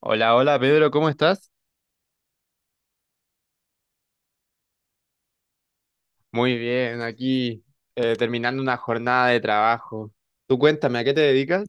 Hola, hola Pedro, ¿cómo estás? Muy bien, aquí terminando una jornada de trabajo. Tú cuéntame, ¿a qué te dedicas?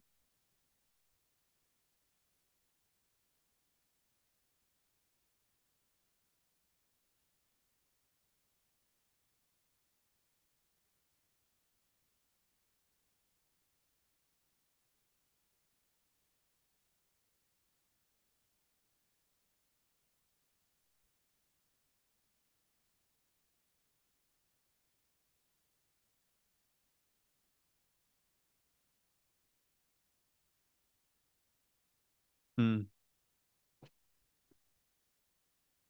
Mm,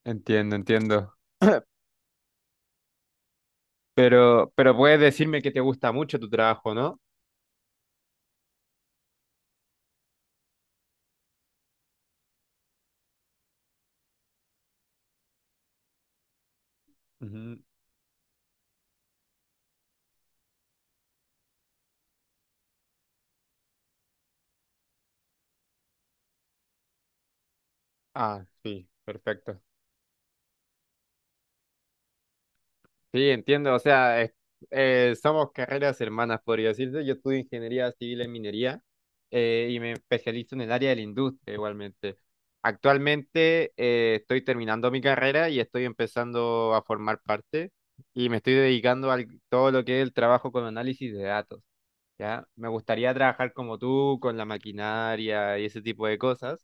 entiendo, entiendo. Pero puedes decirme que te gusta mucho tu trabajo, ¿no? Ujú. Ah, sí, perfecto. Sí, entiendo, o sea, somos carreras hermanas, podría decirse. Yo estudio ingeniería civil en minería y me especializo en el área de la industria igualmente. Actualmente estoy terminando mi carrera y estoy empezando a formar parte y me estoy dedicando a todo lo que es el trabajo con análisis de datos, ¿ya? Me gustaría trabajar como tú, con la maquinaria y ese tipo de cosas,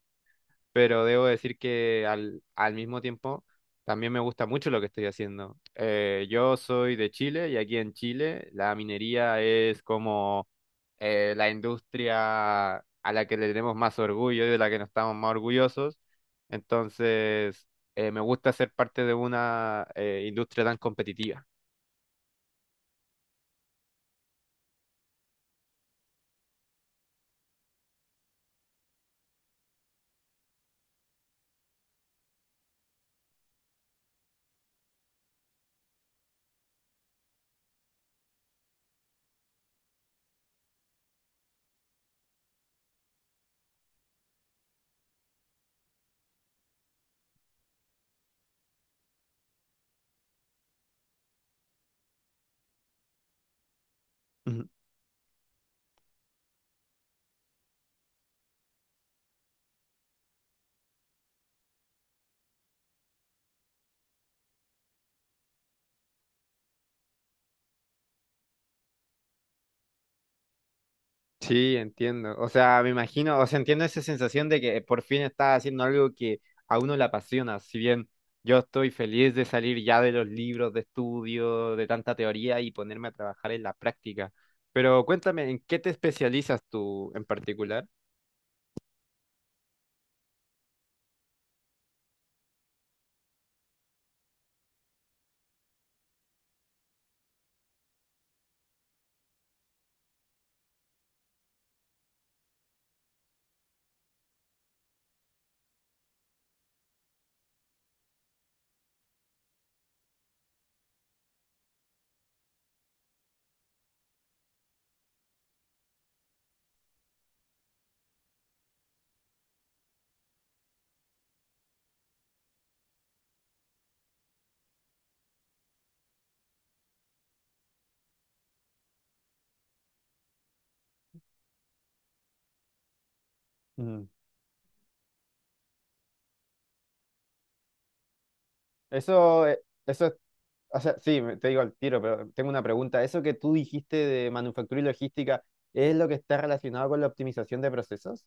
pero debo decir que al mismo tiempo también me gusta mucho lo que estoy haciendo. Yo soy de Chile y aquí en Chile la minería es como la industria a la que le tenemos más orgullo y de la que nos estamos más orgullosos. Entonces, me gusta ser parte de una industria tan competitiva. Sí, entiendo. O sea, me imagino, o sea, entiendo esa sensación de que por fin estás haciendo algo que a uno le apasiona. Si bien yo estoy feliz de salir ya de los libros de estudio, de tanta teoría y ponerme a trabajar en la práctica. Pero cuéntame, ¿en qué te especializas tú en particular? Mm. Eso, eh, eso, es- o sea, sí, te digo al tiro, pero tengo una pregunta. Eso que tú dijiste de manufactura y logística, ¿es lo que está relacionado con la optimización de procesos?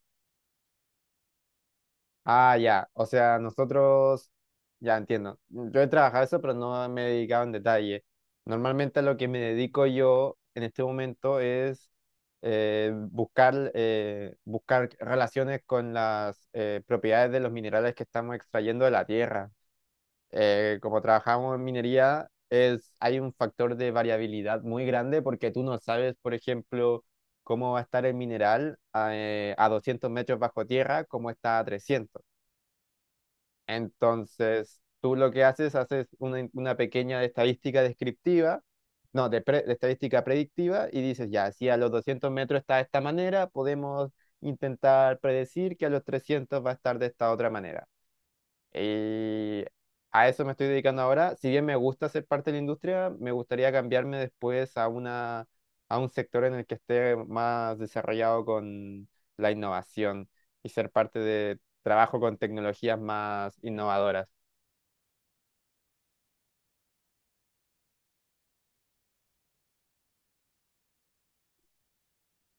Ah, ya. Ya entiendo. Yo he trabajado eso, pero no me he dedicado en detalle. Normalmente a lo que me dedico yo en este momento es buscar relaciones con las propiedades de los minerales que estamos extrayendo de la tierra. Como trabajamos en minería, hay un factor de variabilidad muy grande porque tú no sabes, por ejemplo, cómo va a estar el mineral a 200 metros bajo tierra, cómo está a 300. Entonces, tú lo que haces, haces una pequeña estadística descriptiva, no, de estadística predictiva, y dices, ya, si a los 200 metros está de esta manera, podemos intentar predecir que a los 300 va a estar de esta otra manera. Y a eso me estoy dedicando ahora. Si bien me gusta ser parte de la industria, me gustaría cambiarme después a a un sector en el que esté más desarrollado con la innovación y ser parte de trabajo con tecnologías más innovadoras.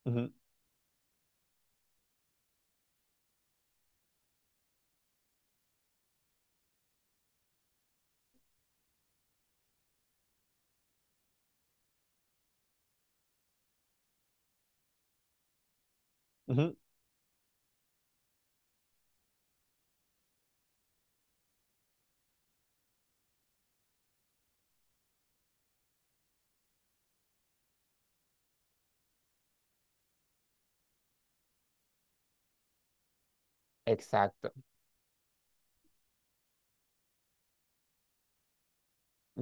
Ujú, ujú. Exacto.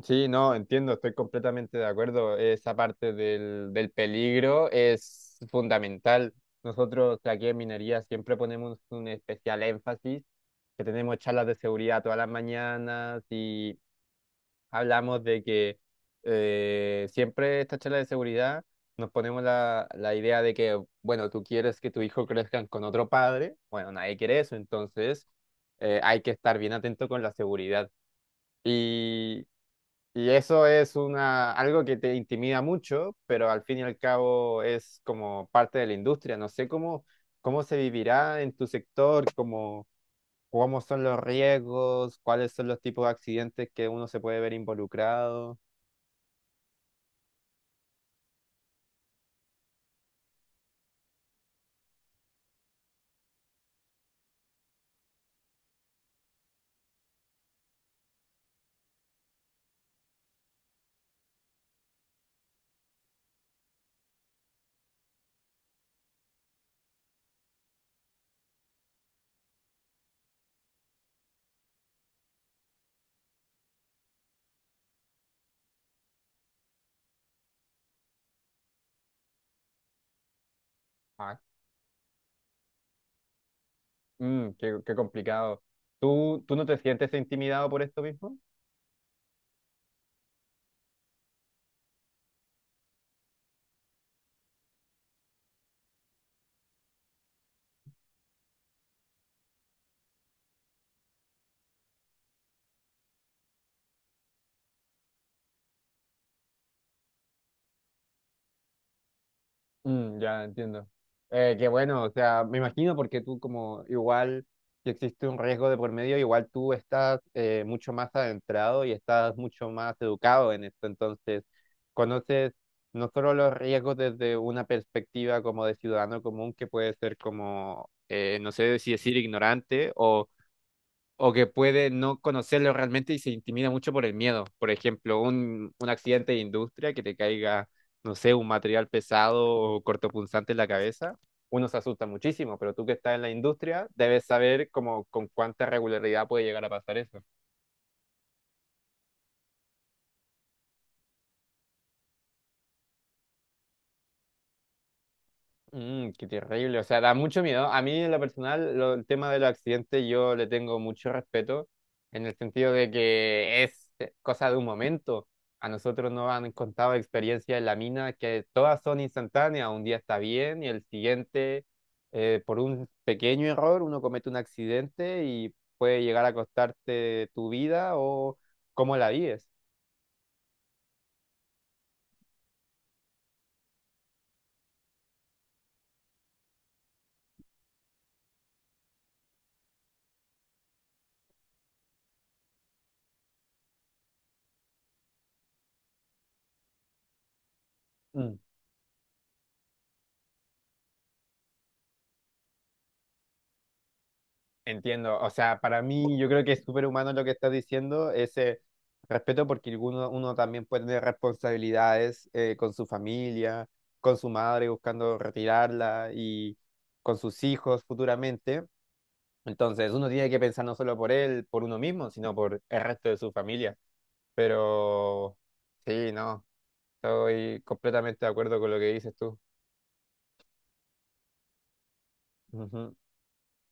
Sí, no, entiendo, estoy completamente de acuerdo. Esa parte del peligro es fundamental. Nosotros aquí en minería siempre ponemos un especial énfasis, que tenemos charlas de seguridad todas las mañanas y hablamos de que siempre estas charlas de seguridad nos ponemos la idea de que, bueno, tú quieres que tu hijo crezca con otro padre, bueno, nadie quiere eso, entonces hay que estar bien atento con la seguridad. Y eso es una, algo que te intimida mucho, pero al fin y al cabo es como parte de la industria. No sé cómo, cómo se vivirá en tu sector, cómo, cómo son los riesgos, cuáles son los tipos de accidentes que uno se puede ver involucrado. Ah, mm, qué, qué complicado. ¿Tú, tú no te sientes intimidado por esto mismo? Mm, ya entiendo. Qué bueno, o sea, me imagino porque tú como igual, si existe un riesgo de por medio, igual tú estás mucho más adentrado y estás mucho más educado en esto, entonces conoces no solo los riesgos desde una perspectiva como de ciudadano común que puede ser como, no sé si decir ignorante o que puede no conocerlo realmente y se intimida mucho por el miedo. Por ejemplo, un accidente de industria que te caiga, no sé, un material pesado o cortopunzante en la cabeza, uno se asusta muchísimo, pero tú que estás en la industria debes saber como con cuánta regularidad puede llegar a pasar eso. Mm, qué terrible, o sea, da mucho miedo. A mí en lo personal, el tema de los accidentes yo le tengo mucho respeto en el sentido de que es cosa de un momento. A nosotros nos han contado experiencias en la mina que todas son instantáneas, un día está bien y el siguiente, por un pequeño error, uno comete un accidente y puede llegar a costarte tu vida o cómo la vives. Mm. Entiendo, o sea, para mí yo creo que es súper humano lo que estás diciendo, ese respeto porque uno, uno también puede tener responsabilidades con su familia, con su madre buscando retirarla y con sus hijos futuramente. Entonces uno tiene que pensar no solo por él, por uno mismo, sino por el resto de su familia. Pero sí, no, estoy completamente de acuerdo con lo que dices tú. Ujú.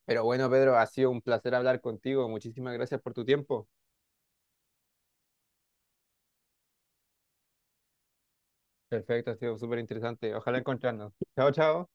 Pero bueno, Pedro, ha sido un placer hablar contigo. Muchísimas gracias por tu tiempo. Perfecto, ha sido súper interesante. Ojalá encontrarnos. Chao, chao.